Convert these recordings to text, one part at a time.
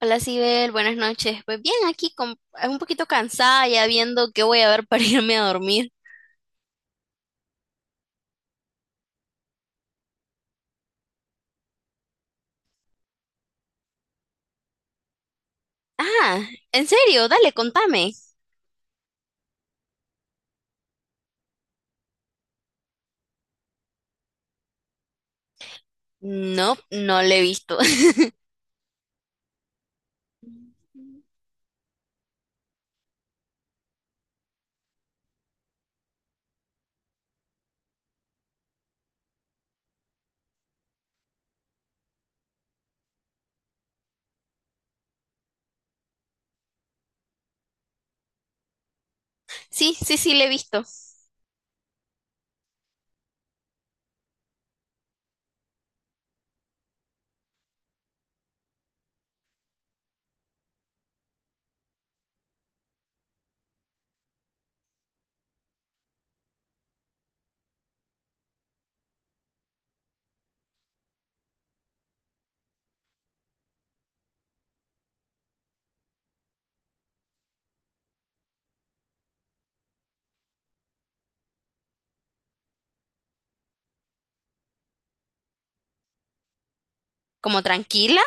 Hola, Sibel, buenas noches. Pues bien, aquí con, un poquito cansada ya viendo qué voy a ver para irme a dormir. Ah, ¿en serio? Dale, contame. No, no le he visto. Sí, sí, sí, le he visto. ¿Como tranquila?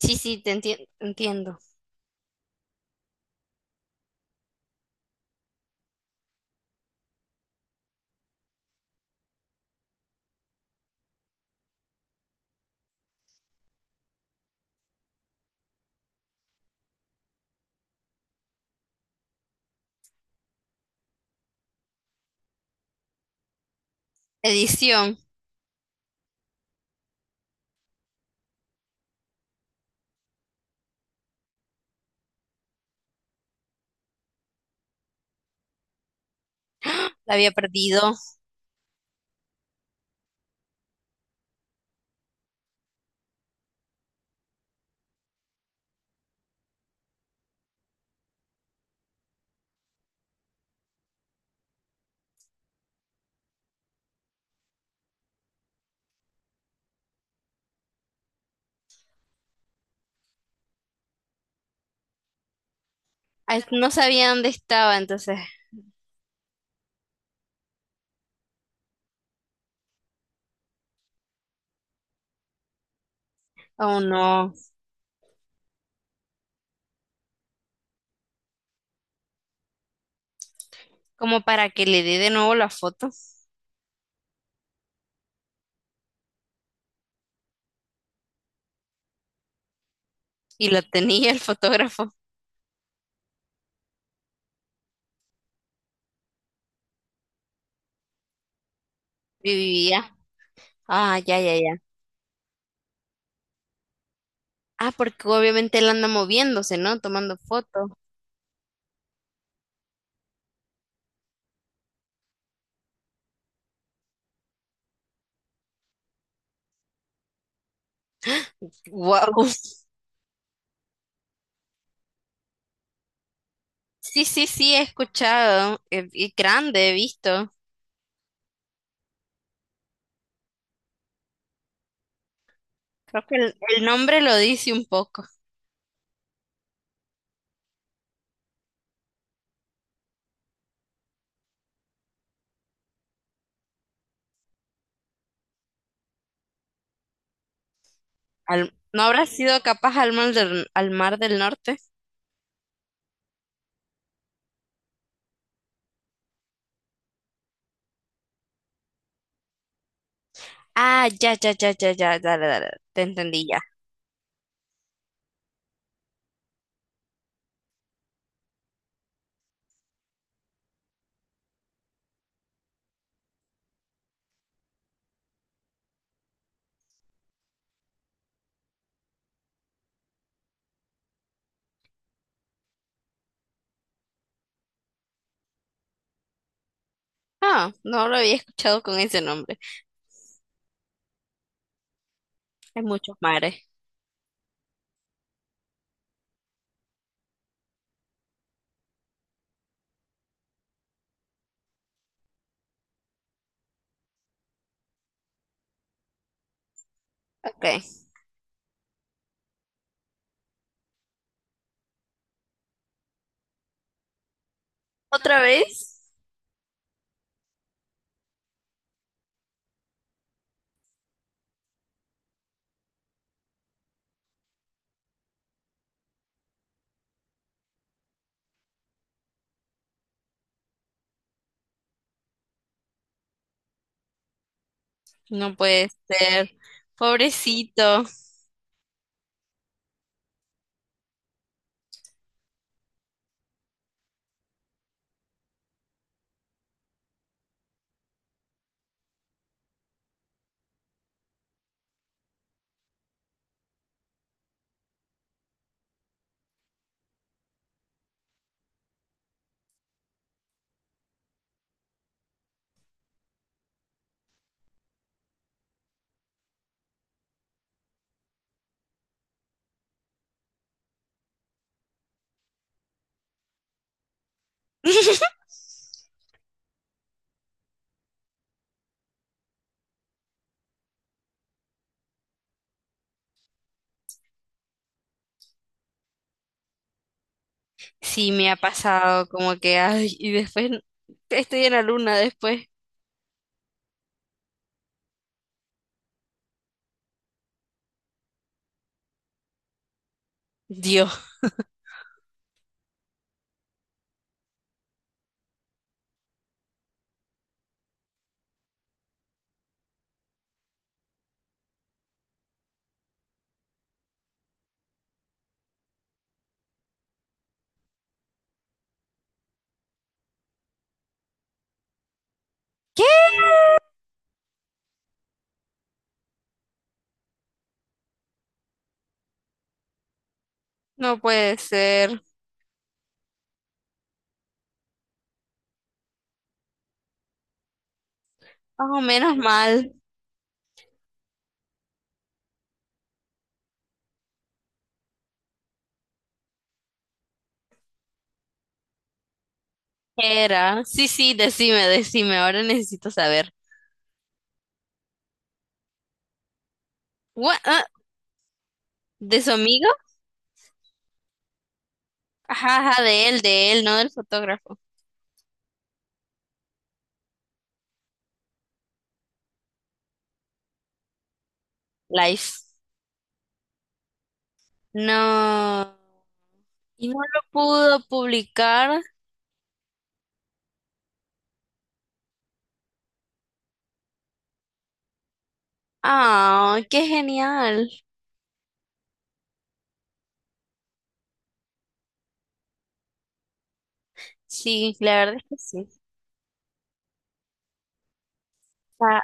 Sí, sí, entiendo. Edición. La había perdido. Ay, no sabía dónde estaba, entonces. Oh, no. Como para que le dé de nuevo la foto. Y la tenía el fotógrafo. Vivía. Ah, ya, ya, ya. Ah, porque obviamente él anda moviéndose, ¿no? Tomando fotos. Wow. Sí, sí, sí, he escuchado. Y grande, he visto. Creo que el nombre lo dice un poco. Al- ¿no habrá sido capaz al mar del norte? Ah, ya, ya, ya, ya, ya, dale, dale, te entendí ya. Ah, no lo había escuchado con ese nombre. Hay muchos mares. Ok. ¿Otra vez? No puede ser. Pobrecito. Sí, me ha pasado como que, ay, y después estoy en la luna después. Dios, qué no puede ser. Oh, menos mal. Era. Sí, sí, decime, decime, ahora necesito saber. What? Ah, ¿de su amigo? Ajá, ajá, de él, no del fotógrafo. Life. No. Y no lo pudo publicar. Ah, qué genial. Sí, la verdad es que sí. Sa-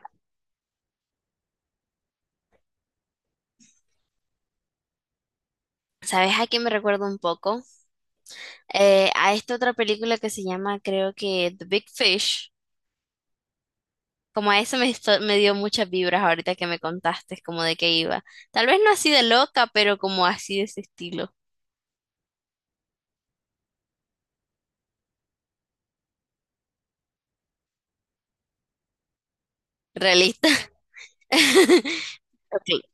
¿Sabes a quién me recuerdo un poco? A esta otra película que se llama, creo que The Big Fish. Como a eso me, me dio muchas vibras ahorita que me contaste, como de qué iba. Tal vez no así de loca, pero como así de ese estilo, realista. Ok.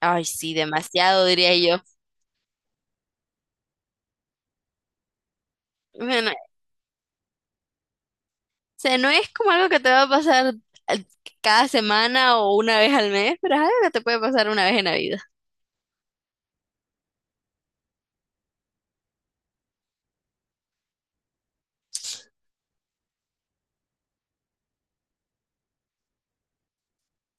Ay, sí, demasiado, diría yo. Bueno, o sea, no es como algo que te va a pasar al- cada semana o una vez al mes, pero es algo que te puede pasar una vez en la vida.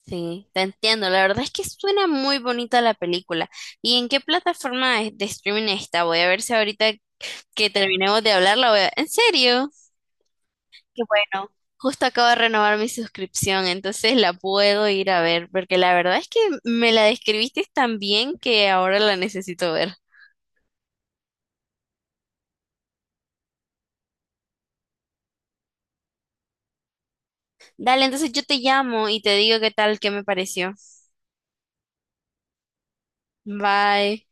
Sí, te entiendo. La verdad es que suena muy bonita la película. ¿Y en qué plataforma es de streaming está? Voy a ver si ahorita que terminemos de hablar, la voy a... ¿En serio? Qué bueno. Justo acabo de renovar mi suscripción, entonces la puedo ir a ver, porque la verdad es que me la describiste tan bien que ahora la necesito ver. Dale, entonces yo te llamo y te digo qué tal, qué me pareció. Bye.